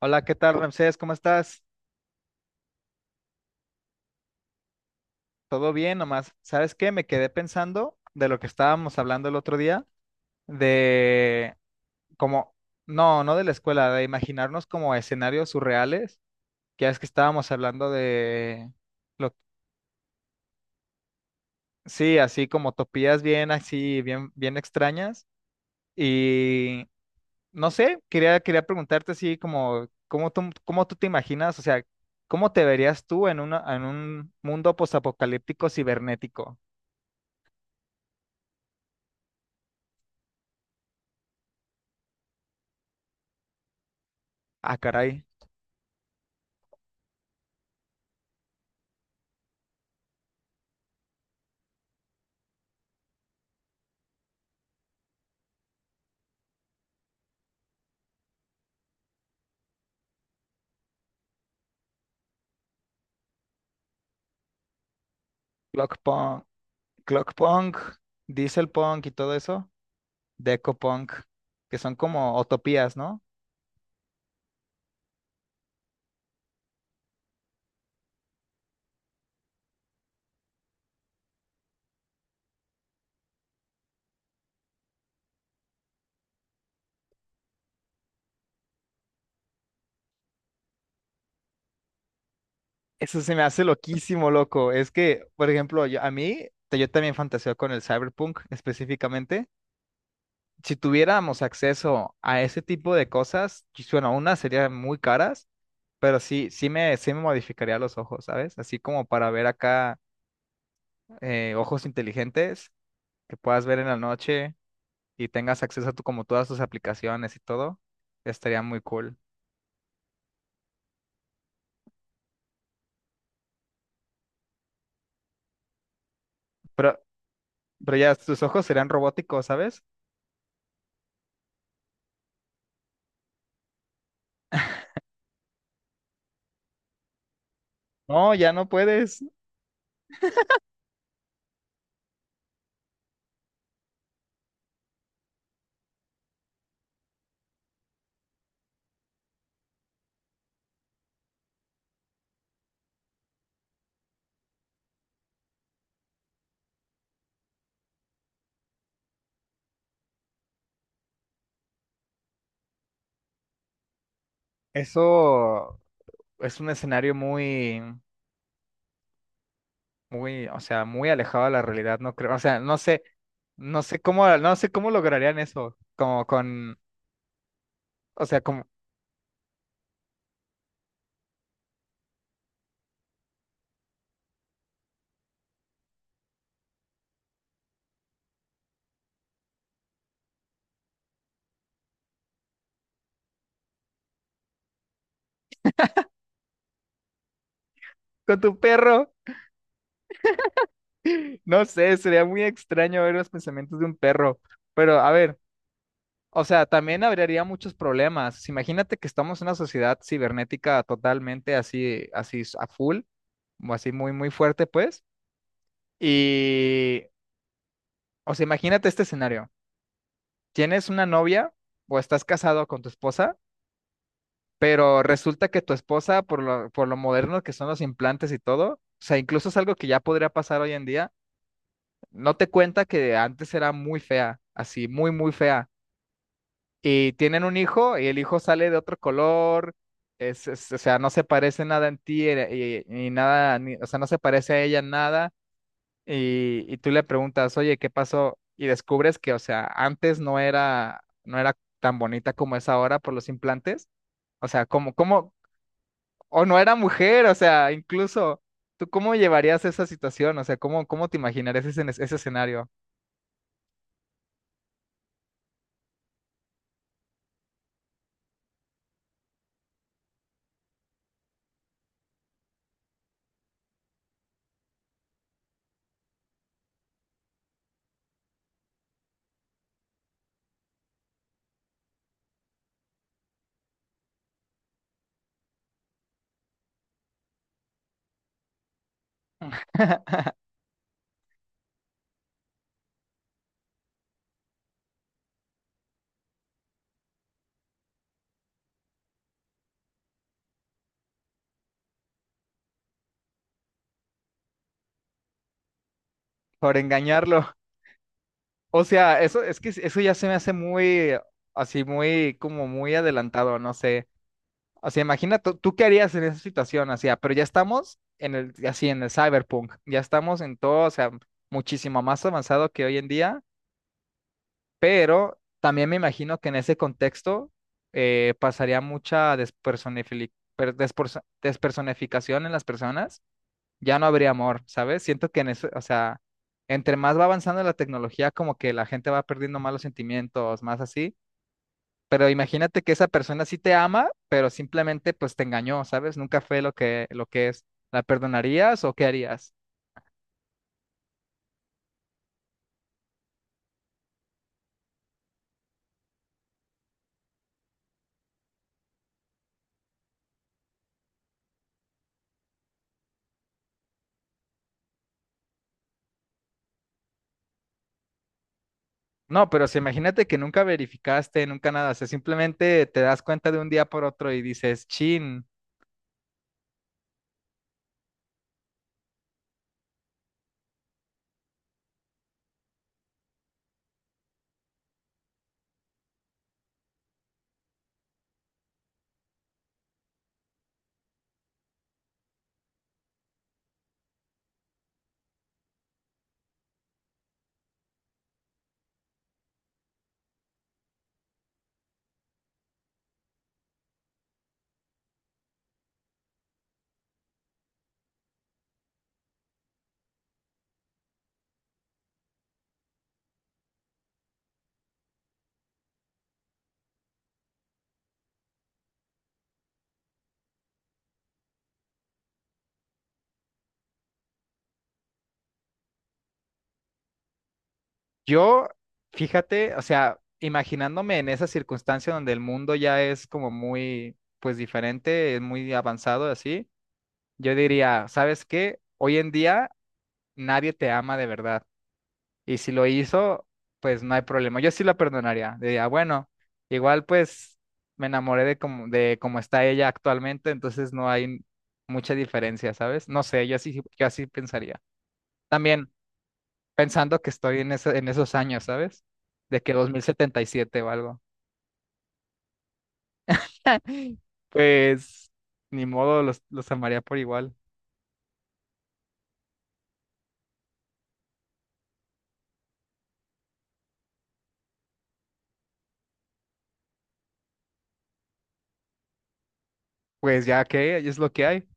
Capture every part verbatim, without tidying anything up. Hola, ¿qué tal, Ramsés? ¿Cómo estás? ¿Todo bien nomás? ¿Sabes qué? Me quedé pensando de lo que estábamos hablando el otro día, de como, no, no de la escuela, de imaginarnos como escenarios surreales, que es que estábamos hablando de, lo, sí, así como utopías bien así, bien, bien extrañas, y no sé, quería, quería preguntarte así como, ¿cómo tú, ¿cómo tú te imaginas? O sea, ¿cómo te verías tú en una, en un mundo postapocalíptico cibernético? Ah, caray. Clock Punk, Clock Punk, Diesel Punk y todo eso, Deco Punk, que son como utopías, ¿no? Eso se me hace loquísimo, loco. Es que, por ejemplo, yo- a mí, te- yo también fantaseo con el cyberpunk específicamente. Si tuviéramos acceso a ese tipo de cosas, quis- bueno, unas serían muy caras, pero sí, sí me, sí me modificaría los ojos, ¿sabes? Así como para ver acá eh, ojos inteligentes que puedas ver en la noche y tengas acceso a tu, como todas tus aplicaciones y todo, estaría muy cool. Pero, pero ya tus ojos serían robóticos, ¿sabes? No, ya no puedes. Eso es un escenario muy, muy, o sea, muy alejado de la realidad, no creo. O sea, no sé, no sé cómo, no sé cómo lograrían eso, como con, o sea, como con tu perro. No sé, sería muy extraño ver los pensamientos de un perro. Pero a ver. O sea, también habría muchos problemas. Imagínate que estamos en una sociedad cibernética totalmente así, así a full, o así muy, muy fuerte, pues. Y, o sea, imagínate este escenario. Tienes una novia o estás casado con tu esposa, pero resulta que tu esposa, por lo, por lo moderno que son los implantes y todo, o sea, incluso es algo que ya podría pasar hoy en día, no te cuenta que antes era muy fea, así, muy, muy fea y tienen un hijo y el hijo sale de otro color, es, es- o sea, no se parece nada en ti eh, y, y nada, ni- o sea, no se parece a ella en nada y, y tú le preguntas, oye, ¿qué pasó? Y descubres que, o sea, antes no era, no era tan bonita como es ahora por los implantes, o sea, como, como, o no era mujer, o sea, incluso, ¿tú cómo llevarías esa situación? O sea, ¿cómo, cómo te imaginarías ese, ese escenario? Por engañarlo. O sea, eso es que eso ya se me hace muy, así, muy, como muy adelantado, no sé. O sea, imagina tú, tú qué harías en esa situación, así, ah, pero ya estamos en el, así, en el cyberpunk, ya estamos en todo, o sea, muchísimo más avanzado que hoy en día, pero también me imagino que en ese contexto eh, pasaría mucha despersonifili- per- desperso- despersonificación en las personas ya no habría amor, ¿sabes? Siento que en eso, o sea, entre más va avanzando la tecnología, como que la gente va perdiendo más los sentimientos, más así. Pero imagínate que esa persona sí te ama, pero simplemente pues te engañó, ¿sabes? Nunca fue lo que, lo que es. ¿La perdonarías o qué harías? No, pero si imagínate que nunca verificaste, nunca nada, o sea, simplemente te das cuenta de un día por otro y dices, chin. Yo, fíjate, o sea, imaginándome en esa circunstancia donde el mundo ya es como muy, pues diferente, es muy avanzado así, yo diría, ¿sabes qué? Hoy en día nadie te ama de verdad. Y si lo hizo, pues no hay problema. Yo sí la perdonaría. Diría, bueno, igual pues me enamoré de como, de cómo está ella actualmente, entonces no hay mucha diferencia, ¿sabes? No sé, yo así, yo así pensaría. También pensando que estoy en, ese- en esos años, ¿sabes? De que dos mil setenta y siete o algo. Pues ni modo, los, los amaría por igual. Pues ya que es lo que hay,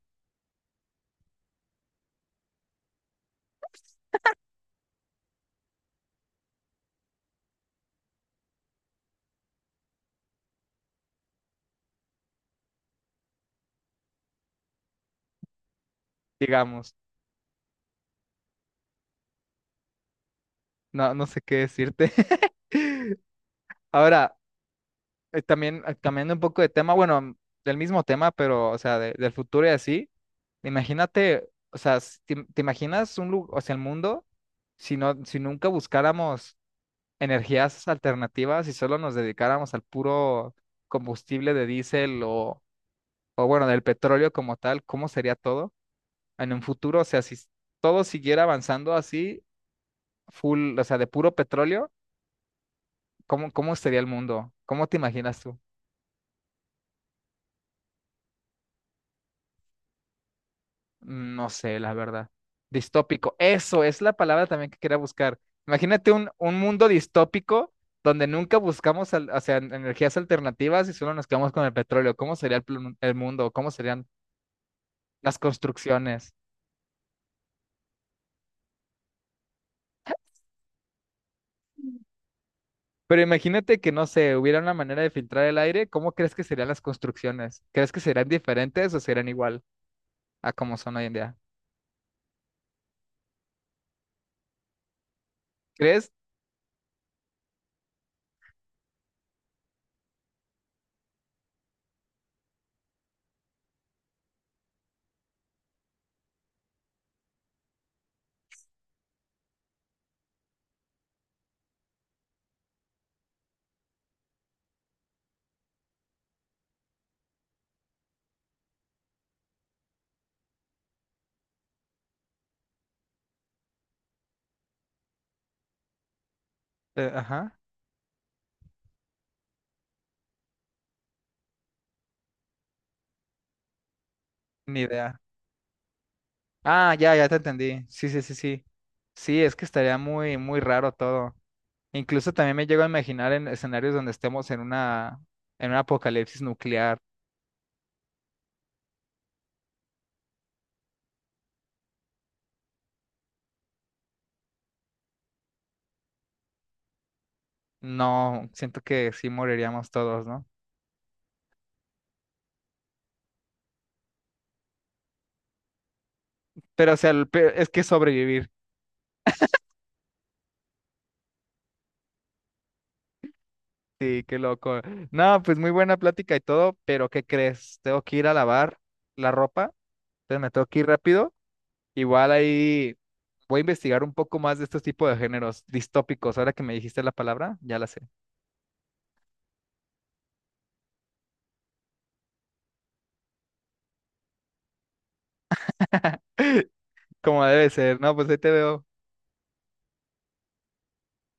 digamos. No, no sé qué decirte. Ahora, eh, también eh, cambiando un poco de tema, bueno, mm, del mismo tema, pero, o sea, de- del futuro y así. Imagínate, o sea, si te, te imaginas un lugar, o sea, el mundo, si no, si nunca buscáramos energías alternativas y solo nos dedicáramos al puro combustible de diésel o o bueno, del petróleo como tal, ¿cómo sería todo en un futuro? O sea, si s- todo siguiera avanzando así, full, o sea, de puro petróleo, ¿cómo, cómo sería el mundo? ¿Cómo te imaginas tú? No sé, la verdad. Distópico. Eso es la palabra también que quería buscar. Imagínate un, un mundo distópico donde nunca buscamos, al- o sea, en- energías alternativas y solo nos quedamos con el petróleo. ¿Cómo sería el, plun- el mundo? ¿Cómo serían las construcciones? Pero imagínate que, no sé, hubiera una manera de filtrar el aire, ¿cómo crees que serían las construcciones? ¿Crees que serían diferentes o serían igual a como son hoy en día? ¿Crees? Eh, ajá, ni idea. Ah, ya, ya te entendí. Sí, sí, sí, sí. Sí, es que estaría muy, muy raro todo. Incluso también me llego a imaginar en escenarios donde estemos en una, en un apocalipsis nuclear. No, siento que sí moriríamos todos, ¿no? Pero, o sea, el pe- es que sobrevivir. Sí, qué loco. No, pues muy buena plática y todo, pero ¿qué crees? Tengo que ir a lavar la ropa, entonces me tengo que ir rápido. Igual ahí voy a investigar un poco más de estos tipos de géneros distópicos. Ahora que me dijiste la palabra, ya la sé. Como debe ser, ¿no? Pues ahí te veo.